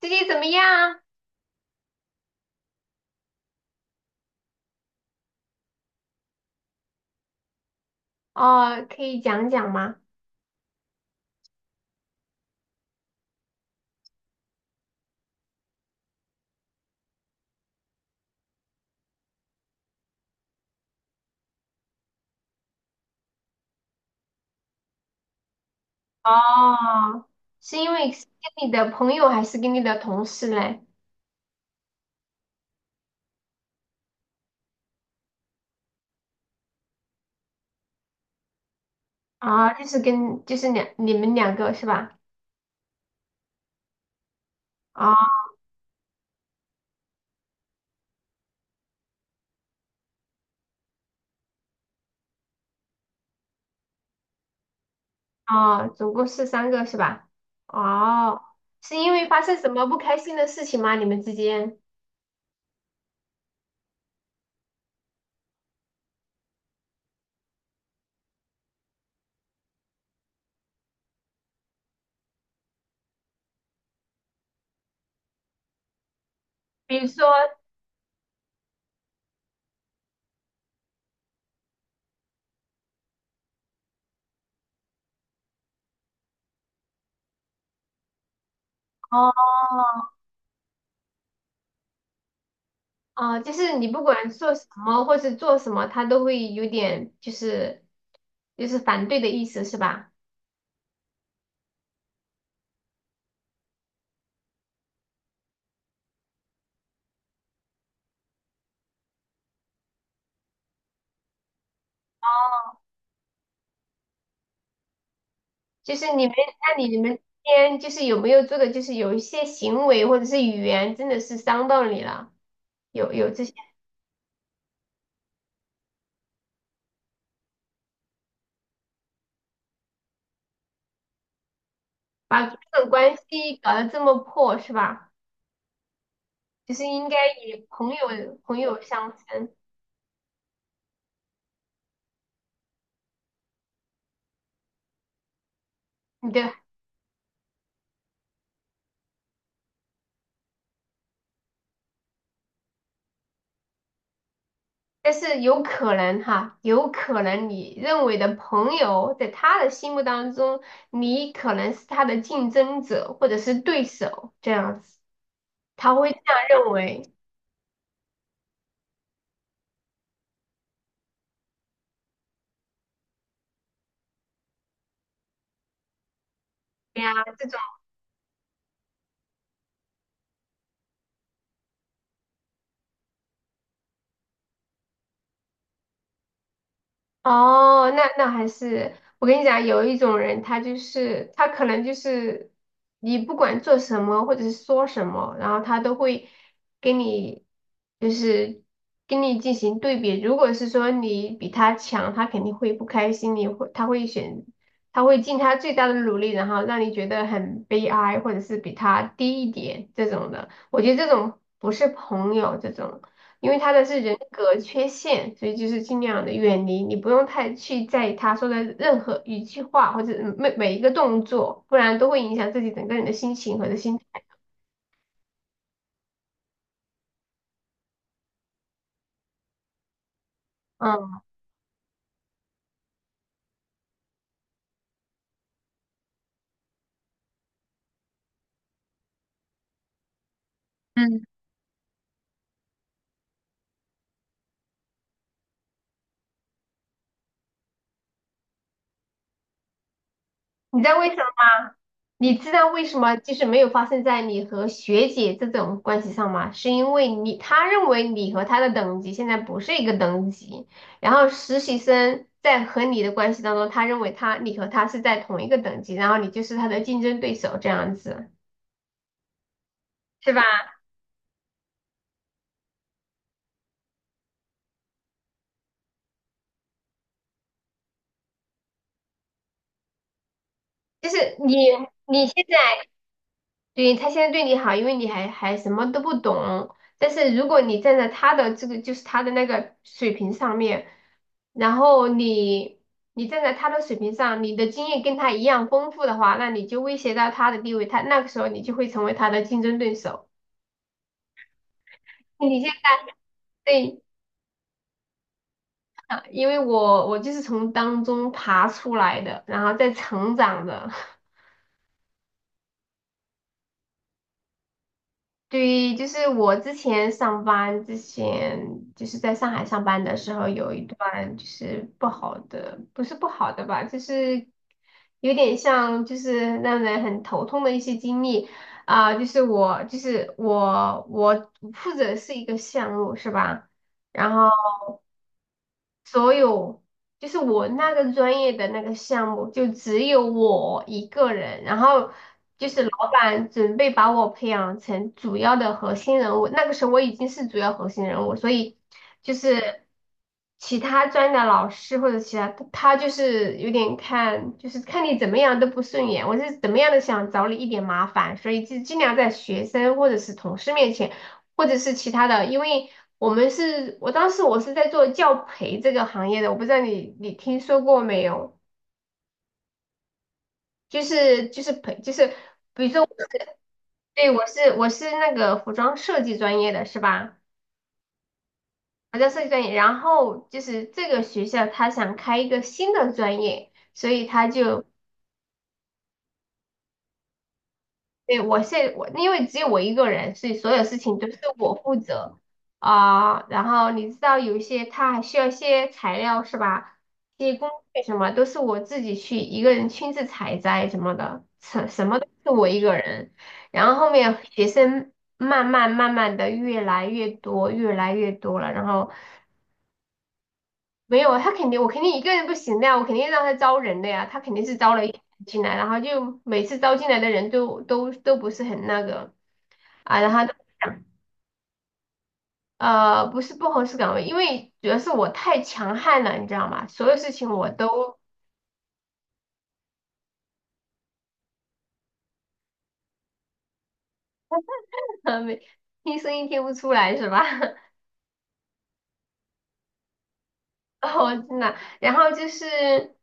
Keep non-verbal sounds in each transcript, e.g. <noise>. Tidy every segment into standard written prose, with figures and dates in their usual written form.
最近怎么样？哦，可以讲讲吗？哦，是因为是跟你的朋友还是跟你的同事嘞？啊、就是跟就是两你们两个是吧？哦哦，总共是三个是吧？哦，是因为发生什么不开心的事情吗？你们之间，比如说，哦哦，就是你不管做什么或是做什么，他都会有点就是反对的意思是吧？就是你们，那你们之间就是有没有做的，就是有一些行为或者是语言，真的是伤到你了？有这些，把这种关系搞得这么破，是吧？就是应该以朋友相称，你的，但是有可能哈，有可能你认为的朋友，在他的心目当中，你可能是他的竞争者或者是对手，这样子，他会这样认为。对呀，这种。哦，那还是我跟你讲，有一种人，他就是他可能就是你不管做什么或者是说什么，然后他都会跟你就是跟你进行对比。如果是说你比他强，他肯定会不开心，他会他会尽他最大的努力，然后让你觉得很悲哀，或者是比他低一点这种的。我觉得这种不是朋友，这种。因为他的是人格缺陷，所以就是尽量的远离，你不用太去在意他说的任何一句话或者每一个动作，不然都会影响自己整个人的心情和的心态。嗯，嗯，你在为什么？你知道为什么就是没有发生在你和学姐这种关系上吗？是因为他认为你和他的等级现在不是一个等级，然后实习生在和你的关系当中，他认为你和他是在同一个等级，然后你就是他的竞争对手这样子，是吧？就是你你现在现在对你好，因为你还什么都不懂。但是如果你站在他的这个他的那个水平上面，然后你站在他的水平上，你的经验跟他一样丰富的话，那你就威胁到他的地位，那个时候你就会成为他的竞争对手。你现在对，因为我就是从当中爬出来的，然后再成长的。对，就是我之前上班之前，就是在上海上班的时候，有一段就是不好的，不是不好的吧，就是有点像就是让人很头痛的一些经历。我负责是一个项目是吧？然后所有就是我那个专业的那个项目，就只有我一个人，然后就是老板准备把我培养成主要的核心人物。那个时候我已经是主要核心人物，所以就是其他专业的老师或者其他他就是有点看，就是看你怎么样都不顺眼，我是怎么样的想找你一点麻烦，所以就尽量在学生或者是同事面前。或者是其他的，因为我们是，我当时我是在做教培这个行业的，我不知道你听说过没有？就是培，对，我是那个服装设计专业的是吧？服装设计专业，然后就是这个学校他想开一个新的专业，所以他就对，我因为只有我一个人，所以所有事情都是我负责。然后你知道有一些他还需要一些材料是吧？一些工具什么都是我自己去一个人亲自采摘什么的，什么都是我一个人。然后后面学生慢慢的越来越多，越来越多了。然后没有他肯定我肯定一个人不行的呀，我肯定让他招人的呀，他肯定是招了一进来，然后就每次招进来的人都不是很那个。啊，然后不是不合适岗位，因为主要是我太强悍了，你知道吗？所有事情我都 <laughs> 没听声音听不出来，是吧？<laughs> 哦，真的。然后就是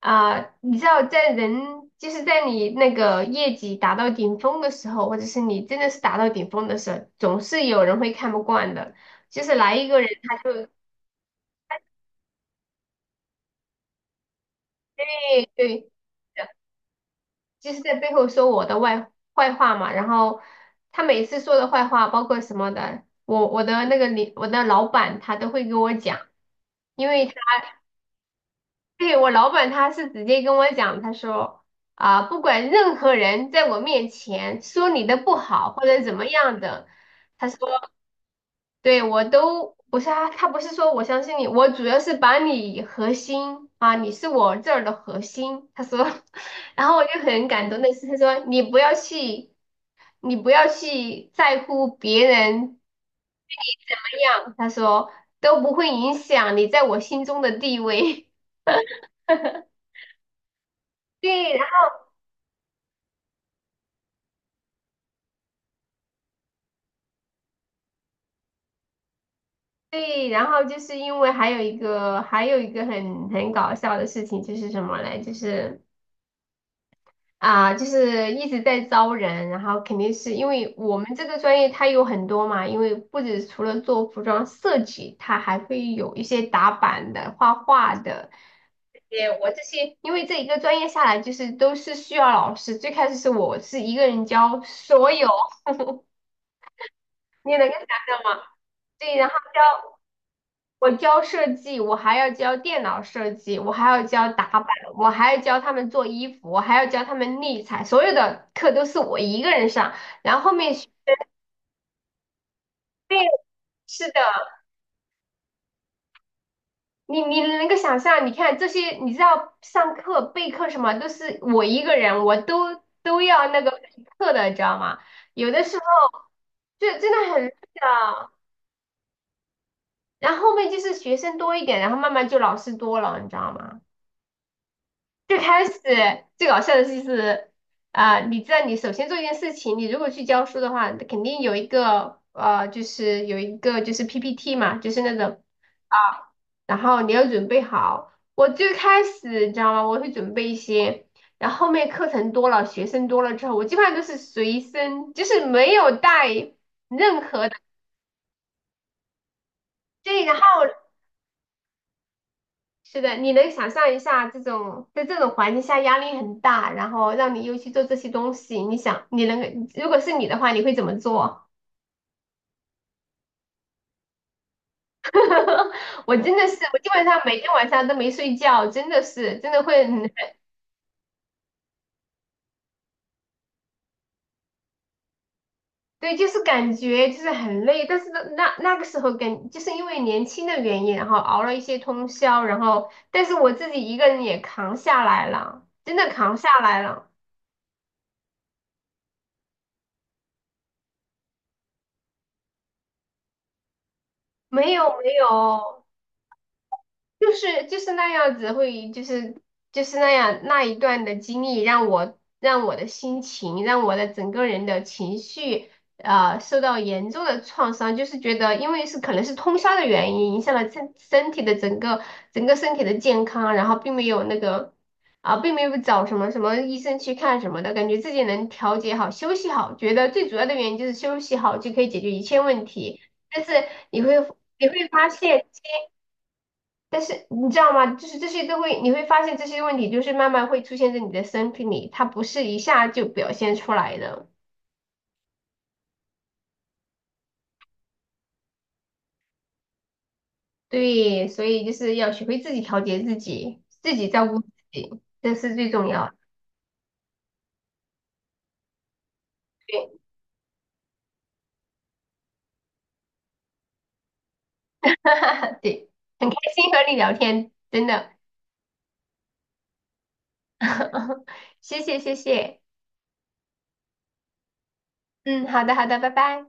你知道，就是在你那个业绩达到顶峰的时候，或者是你真的是达到顶峰的时候，总是有人会看不惯的，就是来一个人他就对对。就是在背后说我的外坏话嘛。然后他每次说的坏话，包括什么的，我的那个我的老板他都会跟我讲，因为他对我老板他是直接跟我讲，他说啊，不管任何人在我面前说你的不好或者怎么样的，他说。对，我都不是啊，他不是说我相信你，我主要是把你核心啊，你是我这儿的核心。他说，<laughs> 然后我就很感动那是，他说你不要去，你不要去在乎别人对你怎么样，他说都不会影响你在我心中的地位。<laughs> 对，然后对，然后就是因为还有一个很搞笑的事情，就是什么嘞？就是。啊，就是一直在招人，然后肯定是因为我们这个专业它有很多嘛，因为不止除了做服装设计，它还会有一些打板的、画画的。这些，因为这一个专业下来，就是都是需要老师。最开始是我是一个人教所有，你能够想象吗？对，然后我教设计，我还要教电脑设计，我还要教打板，我还要教他们做衣服，我还要教他们立裁，所有的课都是我一个人上。然后后面学对，是的，你能够想象，你看这些，你知道上课备课什么都是我一个人，我都都要那个备课的，你知道吗？有的时候就真的很累的，然后后面就是学生多一点，然后慢慢就老师多了，你知道吗？最开始最搞笑的就是你知道，你首先做一件事情，你如果去教书的话，肯定有一个就是有一个就是 PPT 嘛，就是那种啊，然后你要准备好。我最开始你知道吗？我会准备一些，然后后面课程多了，学生多了之后，我基本上都是随身，就是没有带任何对，然后是的，你能想象一下这种在这种环境下压力很大，然后让你又去做这些东西，你想你能如果是你的话，你会怎么做？<laughs> 我真的是，我基本上每天晚上都没睡觉，真的是真的会很对，就是感觉就是很累，但是那个时候跟就是因为年轻的原因，然后熬了一些通宵，然后但是我自己一个人也扛下来了，真的扛下来了，没有。就是就是那样子会，就是就是那样那一段的经历，让我的心情，让我的整个人的情绪，受到严重的创伤。就是觉得，因为是可能是通宵的原因，影响了身体的整个整个身体的健康，然后并没有那个并没有找什么医生去看什么的，感觉自己能调节好，休息好，觉得最主要的原因就是休息好就可以解决一切问题。但是你会你会发现。但是你知道吗？就是这些都会，你会发现这些问题就是慢慢会出现在你的身体里，它不是一下就表现出来的。对，所以就是要学会自己调节自己，自己照顾自己，这是最重要的。对，<laughs> 对，很开心和你聊天，真的，<laughs> 谢谢谢谢。嗯，好的好的，拜拜。